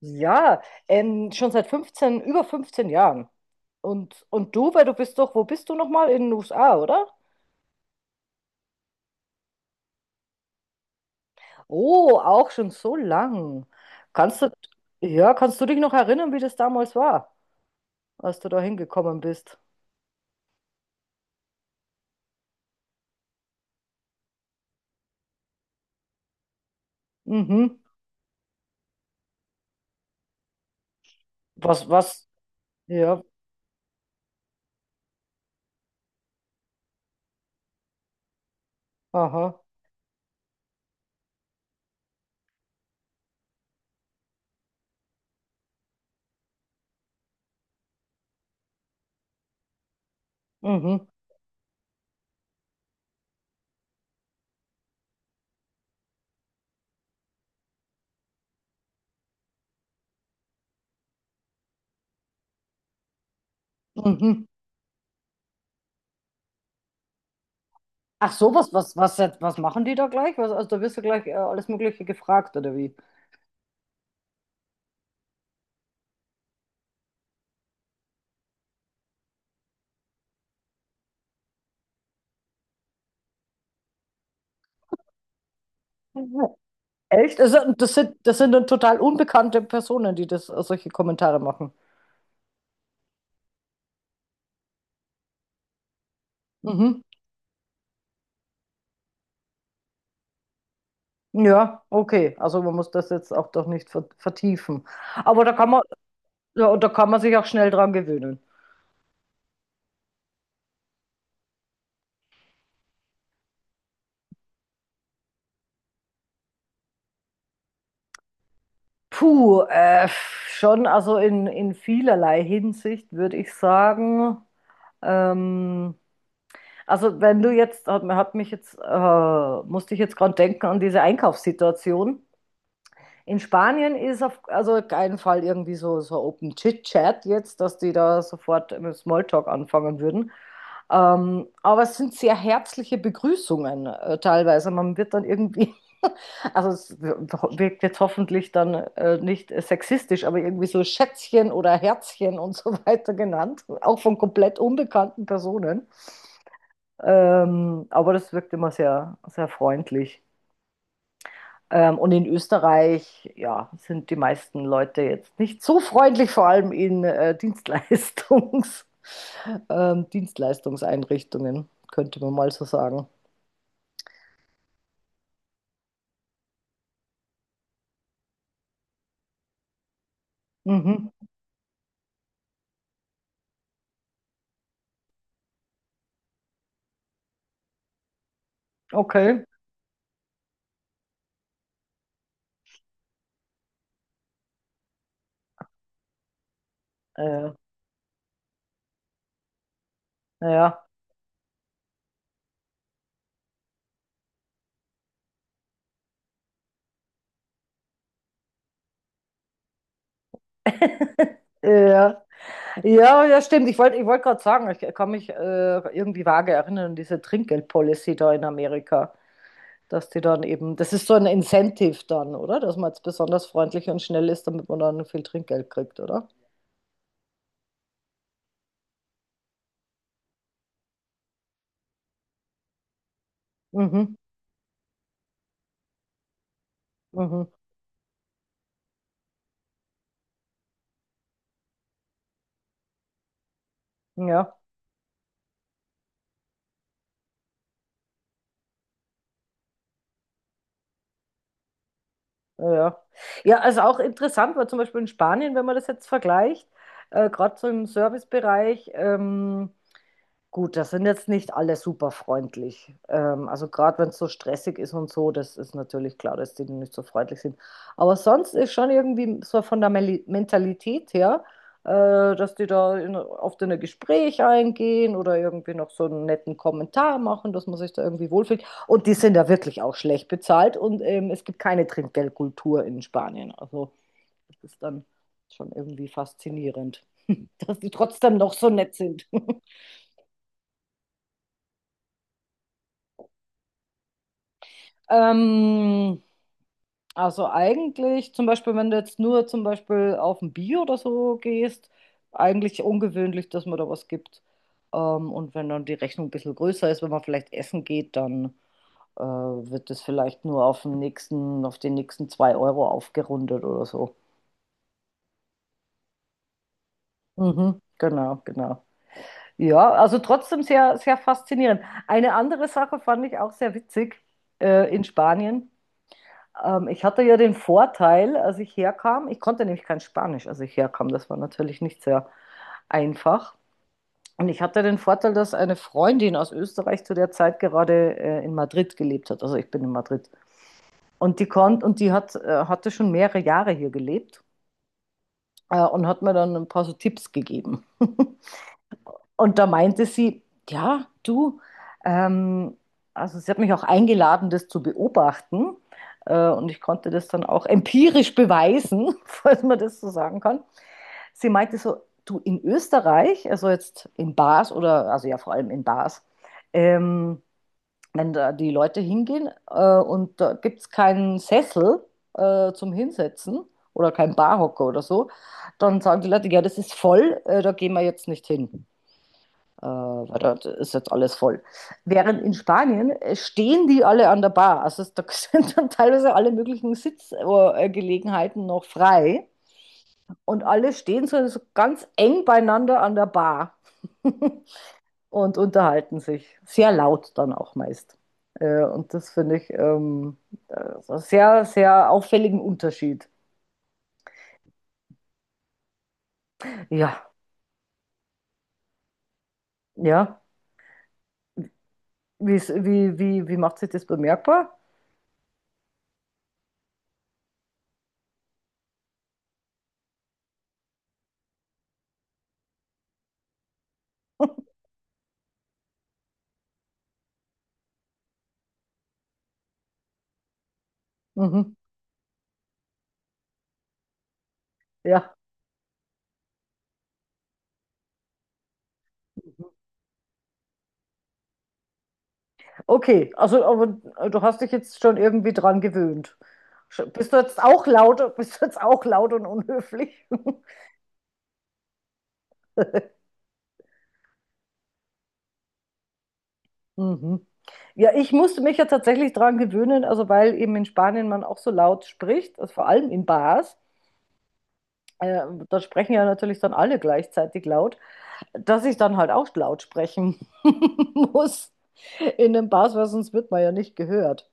Ja, schon seit 15 über 15 Jahren. Und du, weil du bist doch, wo bist du nochmal? In den USA, oder? Oh, auch schon so lang. Kannst du, ja, kannst du dich noch erinnern, wie das damals war, als du da hingekommen bist? Mhm. Was? Ja, aha. Mhm. Mhm. Ach so, was machen die da gleich? Also da wirst du gleich alles Mögliche gefragt, oder wie? Echt? Also, das sind dann total unbekannte Personen, die solche Kommentare machen. Mhm. Ja, okay. Also man muss das jetzt auch doch nicht vertiefen. Aber da kann man, ja, und da kann man sich auch schnell dran gewöhnen. Puh, schon, also in vielerlei Hinsicht würde ich sagen. Ähm, also wenn du jetzt, hat mich jetzt, musste ich jetzt gerade denken an diese Einkaufssituation. In Spanien ist auf also keinen Fall irgendwie so Open Chit-Chat jetzt, dass die da sofort mit Smalltalk anfangen würden. Aber es sind sehr herzliche Begrüßungen teilweise. Man wird dann irgendwie, also es wirkt jetzt hoffentlich dann nicht sexistisch, aber irgendwie so Schätzchen oder Herzchen und so weiter genannt, auch von komplett unbekannten Personen. Aber das wirkt immer sehr, sehr freundlich. Und in Österreich, ja, sind die meisten Leute jetzt nicht so freundlich, vor allem in Dienstleistungseinrichtungen, könnte man mal so sagen. Mhm. Okay. Äh, ja. Ja, ja, ja, stimmt. Ich wollte gerade sagen, ich kann mich irgendwie vage erinnern an diese Trinkgeldpolicy da in Amerika, dass die dann eben, das ist so ein Incentive dann, oder? Dass man jetzt besonders freundlich und schnell ist, damit man dann viel Trinkgeld kriegt, oder? Mhm. Mhm. Ja, ja. Ja, ja, also auch interessant war zum Beispiel in Spanien, wenn man das jetzt vergleicht, gerade so im Servicebereich. Gut, das sind jetzt nicht alle super freundlich. Also gerade wenn es so stressig ist und so, das ist natürlich klar, dass die nicht so freundlich sind. Aber sonst ist schon irgendwie so von der Mentalität her, äh, dass die da oft in ein Gespräch eingehen oder irgendwie noch so einen netten Kommentar machen, dass man sich da irgendwie wohlfühlt. Und die sind da wirklich auch schlecht bezahlt und es gibt keine Trinkgeldkultur in Spanien. Also das ist dann schon irgendwie faszinierend, dass die trotzdem noch so nett sind. Ähm, also eigentlich, zum Beispiel, wenn du jetzt nur zum Beispiel auf ein Bier oder so gehst, eigentlich ungewöhnlich, dass man da was gibt. Und wenn dann die Rechnung ein bisschen größer ist, wenn man vielleicht essen geht, dann wird das vielleicht nur auf den nächsten, 2 Euro aufgerundet oder so. Mhm, genau, genau. Ja, also trotzdem sehr, sehr faszinierend. Eine andere Sache fand ich auch sehr witzig in Spanien. Ich hatte ja den Vorteil, als ich herkam, ich konnte nämlich kein Spanisch, als ich herkam. Das war natürlich nicht sehr einfach. Und ich hatte den Vorteil, dass eine Freundin aus Österreich zu der Zeit gerade in Madrid gelebt hat. Also ich bin in Madrid. Und die konnte und die hatte schon mehrere Jahre hier gelebt und hat mir dann ein paar so Tipps gegeben. Und da meinte sie, ja, du, ähm, also sie hat mich auch eingeladen, das zu beobachten. Und ich konnte das dann auch empirisch beweisen, falls man das so sagen kann. Sie meinte so, du, in Österreich, also jetzt in Bars oder, also ja, vor allem in Bars, ähm, wenn da die Leute hingehen und da gibt es keinen Sessel zum Hinsetzen oder keinen Barhocker oder so, dann sagen die Leute, ja, das ist voll, da gehen wir jetzt nicht hin. Weil da ist jetzt alles voll. Während in Spanien stehen die alle an der Bar. Also da sind dann teilweise alle möglichen Sitzgelegenheiten noch frei. Und alle stehen so ganz eng beieinander an der Bar und unterhalten sich. Sehr laut dann auch meist. Und das finde ich so einen sehr, sehr auffälligen Unterschied. Ja, ja. Wie macht sich das bemerkbar? Mhm. Ja. Okay, also aber du hast dich jetzt schon irgendwie dran gewöhnt. Bist du jetzt auch laut, bist du jetzt auch laut und unhöflich? Mhm. Ja, ich musste mich ja tatsächlich dran gewöhnen, also weil eben in Spanien man auch so laut spricht, also vor allem in Bars, da sprechen ja natürlich dann alle gleichzeitig laut, dass ich dann halt auch laut sprechen muss in den Bars, weil sonst wird man ja nicht gehört.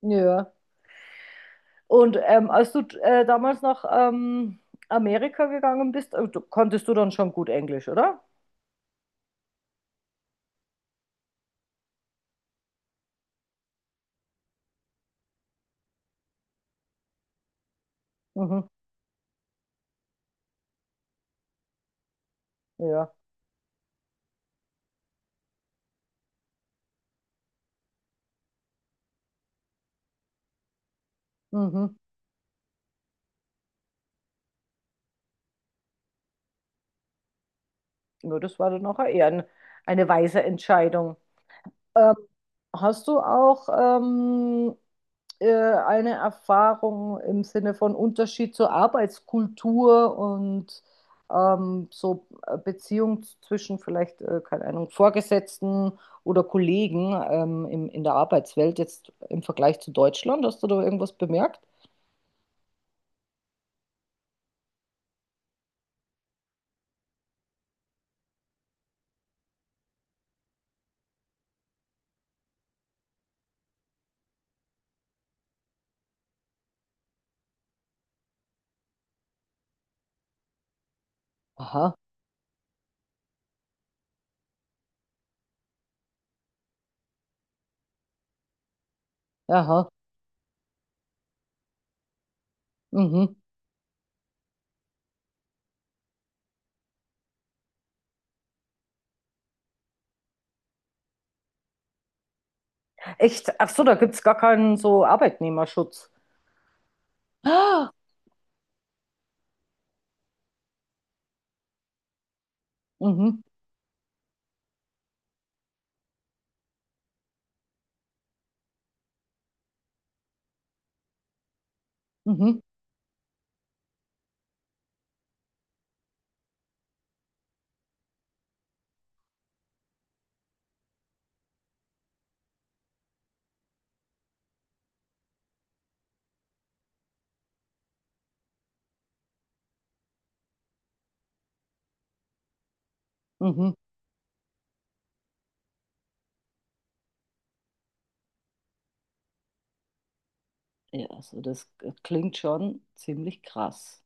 Ja. Und als du damals nach Amerika gegangen bist, konntest du dann schon gut Englisch, oder? Mhm. Ja. Mhm. Ja, das war dann auch eher eine weise Entscheidung. Ähm, Hast du auch eine Erfahrung im Sinne von Unterschied zur Arbeitskultur und so Beziehung zwischen vielleicht, keine Ahnung, Vorgesetzten oder Kollegen in der Arbeitswelt jetzt im Vergleich zu Deutschland? Hast du da irgendwas bemerkt? Aha, aha, mhm. Echt? Ach so, da gibt es gar keinen so Arbeitnehmerschutz. Ah, mhm, mhm, mhm. Ja, also das klingt schon ziemlich krass.